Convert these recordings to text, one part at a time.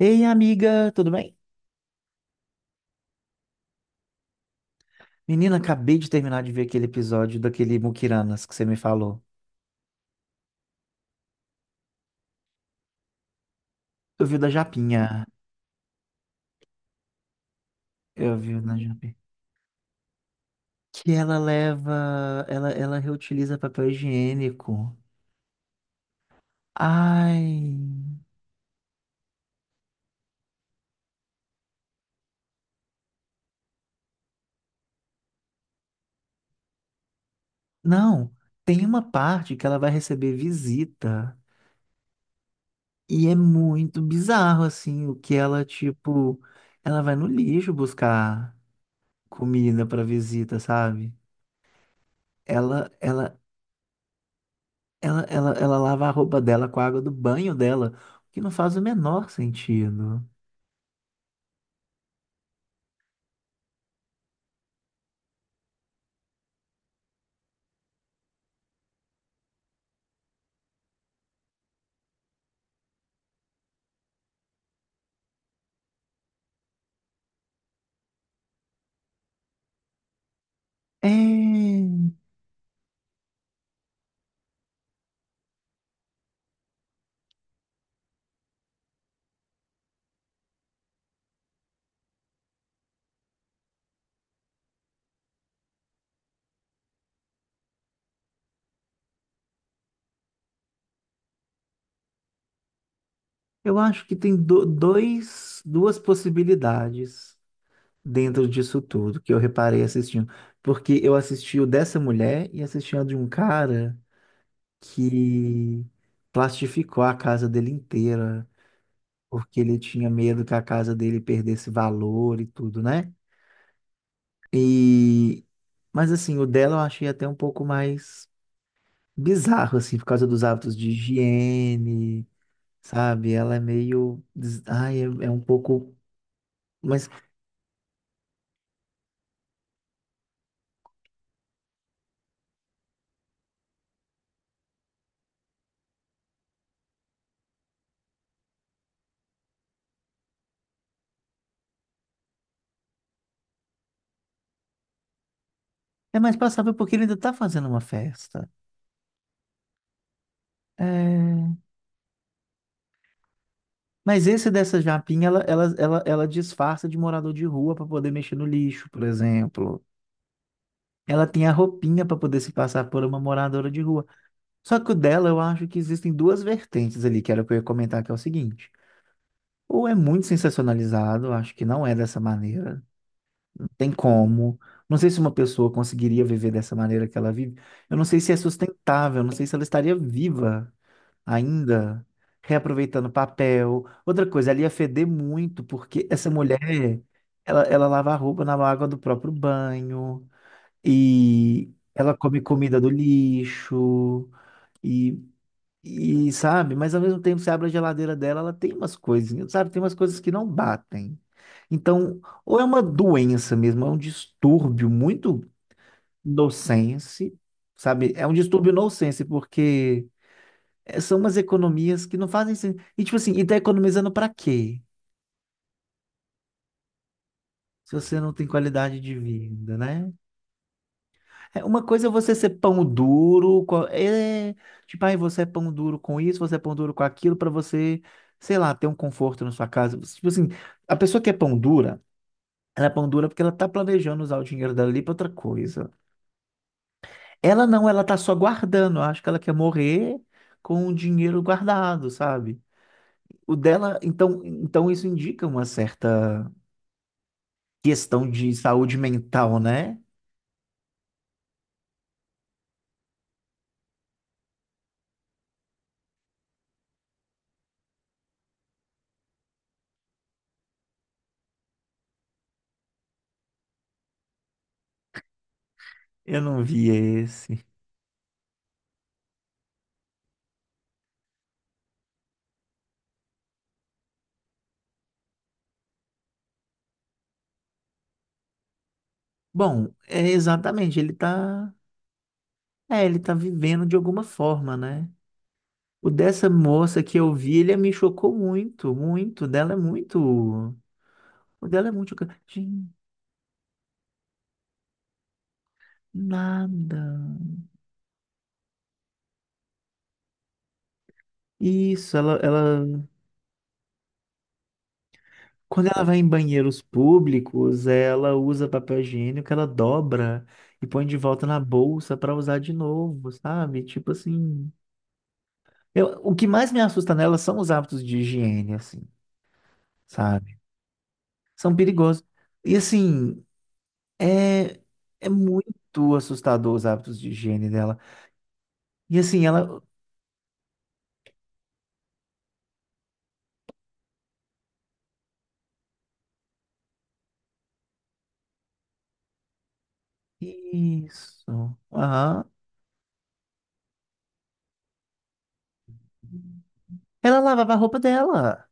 Ei, amiga, tudo bem? Menina, acabei de terminar de ver aquele episódio daquele Mukiranas que você me falou. Eu vi o da Japinha. Eu vi o da Japinha. Que ela leva. Ela reutiliza papel higiênico. Ai. Não, tem uma parte que ela vai receber visita. E é muito bizarro, assim, o que ela, tipo. Ela vai no lixo buscar comida pra visita, sabe? Ela, ela, ela lava a roupa dela com a água do banho dela, o que não faz o menor sentido. É, eu acho que tem duas possibilidades dentro disso tudo que eu reparei assistindo. Porque eu assisti o dessa mulher e assisti a de um cara que plastificou a casa dele inteira, porque ele tinha medo que a casa dele perdesse valor e tudo, né? E, mas assim, o dela eu achei até um pouco mais bizarro, assim, por causa dos hábitos de higiene, sabe? Ela é meio. Ai, é um pouco. Mas é mais passável porque ele ainda tá fazendo uma festa. É. Mas esse dessa japinha, ela disfarça de morador de rua para poder mexer no lixo, por exemplo. Ela tem a roupinha para poder se passar por uma moradora de rua. Só que o dela, eu acho que existem duas vertentes ali, que era o que eu ia comentar, que é o seguinte. Ou é muito sensacionalizado, acho que não é dessa maneira, tem como. Não sei se uma pessoa conseguiria viver dessa maneira que ela vive. Eu não sei se é sustentável, não sei se ela estaria viva ainda, reaproveitando papel. Outra coisa, ela ia feder muito, porque essa mulher, ela lava a roupa na água do próprio banho, e ela come comida do lixo, e sabe, mas ao mesmo tempo, você abre a geladeira dela, ela tem umas coisinhas, sabe? Tem umas coisas que não batem. Então, ou é uma doença mesmo, é um distúrbio muito nonsense, sabe? É um distúrbio nonsense, porque são umas economias que não fazem sentido. E tipo assim, e tá economizando pra quê? Se você não tem qualidade de vida, né? É, uma coisa é você ser pão duro, tipo, aí você é pão duro com isso, você é pão duro com aquilo, pra você, sei lá, ter um conforto na sua casa. Tipo assim, a pessoa que é pão dura, ela é pão dura porque ela tá planejando usar o dinheiro dela ali pra outra coisa. Ela não, ela tá só guardando. Eu acho que ela quer morrer com o dinheiro guardado, sabe? O dela, então isso indica uma certa questão de saúde mental, né? Eu não vi esse. Bom, é exatamente, ele tá. É, ele tá vivendo de alguma forma, né? O dessa moça que eu vi, ele me chocou muito, muito. O dela é muito. O dela é muito chocante. Gente, nada. Isso, ela, ela. Quando ela vai em banheiros públicos, ela usa papel higiênico, ela dobra e põe de volta na bolsa pra usar de novo, sabe? Tipo assim. O que mais me assusta nela são os hábitos de higiene, assim, sabe? São perigosos. E assim. É, é muito assustador os hábitos de higiene dela. E assim, ela. Isso. Aham. Ela lavava a roupa dela.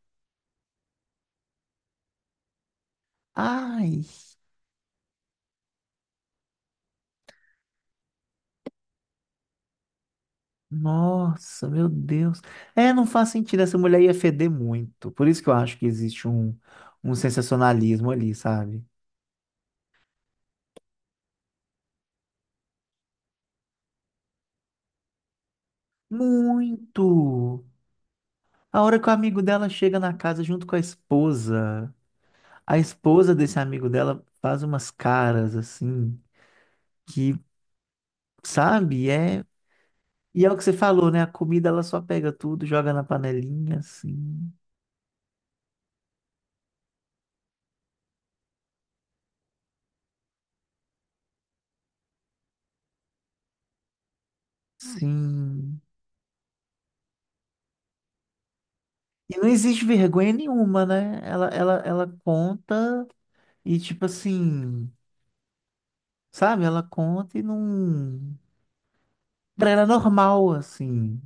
Ai, nossa, meu Deus. É, não faz sentido. Essa mulher ia feder muito. Por isso que eu acho que existe um sensacionalismo ali, sabe? Muito. A hora que o amigo dela chega na casa junto com a esposa desse amigo dela faz umas caras assim, que, sabe, é. E é o que você falou, né? A comida ela só pega tudo, joga na panelinha, assim. Sim. E não existe vergonha nenhuma, né? Ela conta e, tipo assim, sabe? Ela conta e não. Pra ela é normal, assim.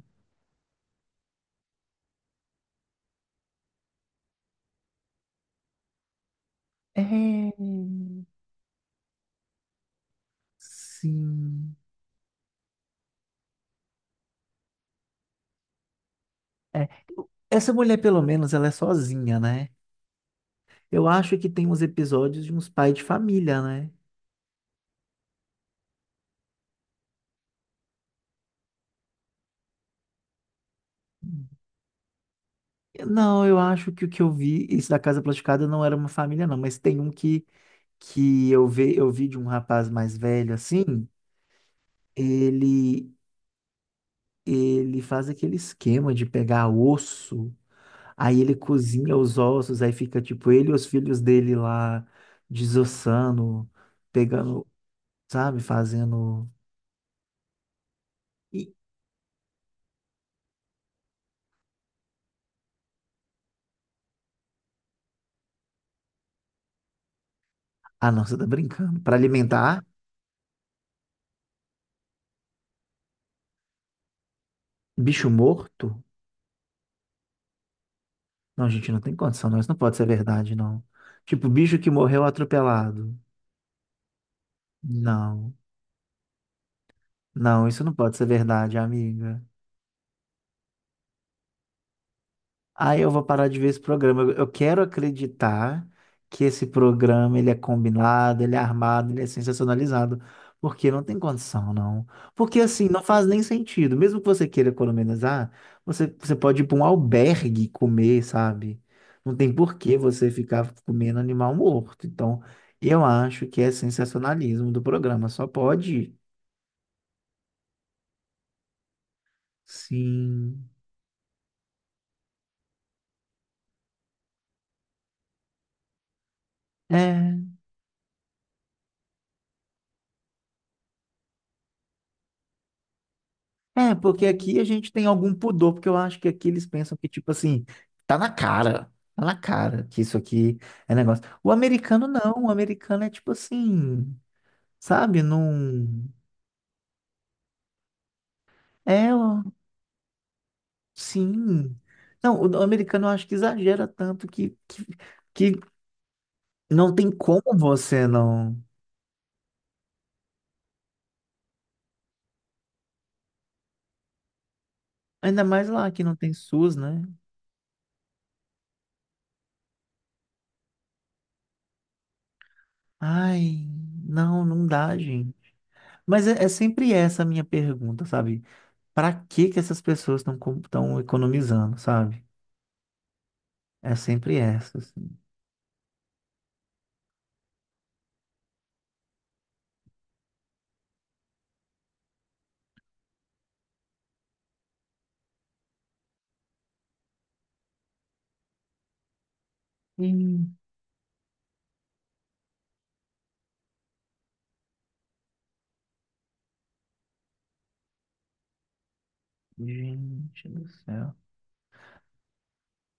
É. Sim. É. Essa mulher, pelo menos, ela é sozinha, né? Eu acho que tem uns episódios de uns pais de família, né? Não, eu acho que o que eu vi, esse da Casa Plastificada não era uma família, não, mas tem um que eu vi de um rapaz mais velho assim, ele ele faz aquele esquema de pegar osso, aí ele cozinha os ossos, aí fica tipo ele e os filhos dele lá desossando, pegando, sabe, fazendo. E- Ah, não, você tá brincando. Para alimentar bicho morto? Não, gente, não tem condição, não. Isso não pode ser verdade, não. Tipo, bicho que morreu atropelado. Não, não, isso não pode ser verdade, amiga. Aí eu vou parar de ver esse programa. Eu quero acreditar que esse programa ele é combinado, ele é armado, ele é sensacionalizado. Porque não tem condição, não. Porque assim, não faz nem sentido. Mesmo que você queira economizar, você pode ir para um albergue comer, sabe? Não tem por que você ficar comendo animal morto. Então, eu acho que é sensacionalismo do programa. Só pode. Sim. É. É, porque aqui a gente tem algum pudor, porque eu acho que aqui eles pensam que, tipo assim, tá na cara que isso aqui é negócio. O americano não, o americano é tipo assim, sabe? Não. É, ó, sim. Não, o americano eu acho que exagera tanto que não tem como você não. Ainda mais lá que não tem SUS, né? Ai, não, não dá, gente. Mas é sempre essa a minha pergunta, sabe? Para que que essas pessoas estão economizando, sabe? É sempre essa, assim. Ih, gente do céu.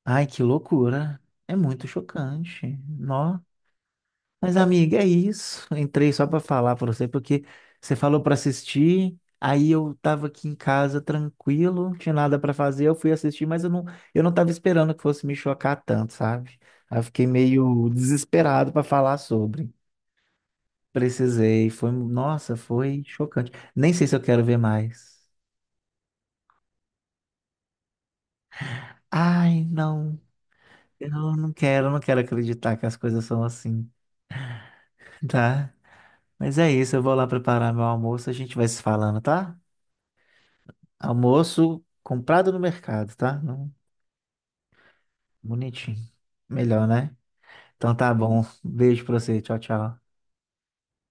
Ai, que loucura. É muito chocante. Nó. Mas, amiga, é isso. Eu entrei só para falar para você, porque você falou para assistir, aí eu tava aqui em casa tranquilo, não tinha nada para fazer, eu fui assistir, mas eu não tava esperando que fosse me chocar tanto, sabe? Aí eu fiquei meio desesperado para falar sobre. Precisei, foi, nossa, foi chocante. Nem sei se eu quero ver mais. Ai, não, eu eu não quero acreditar que as coisas são assim, tá? Mas é isso, eu vou lá preparar meu almoço, a gente vai se falando, tá? Almoço comprado no mercado, tá? Bonitinho. Melhor, né? Então tá bom. Beijo pra você. Tchau, tchau.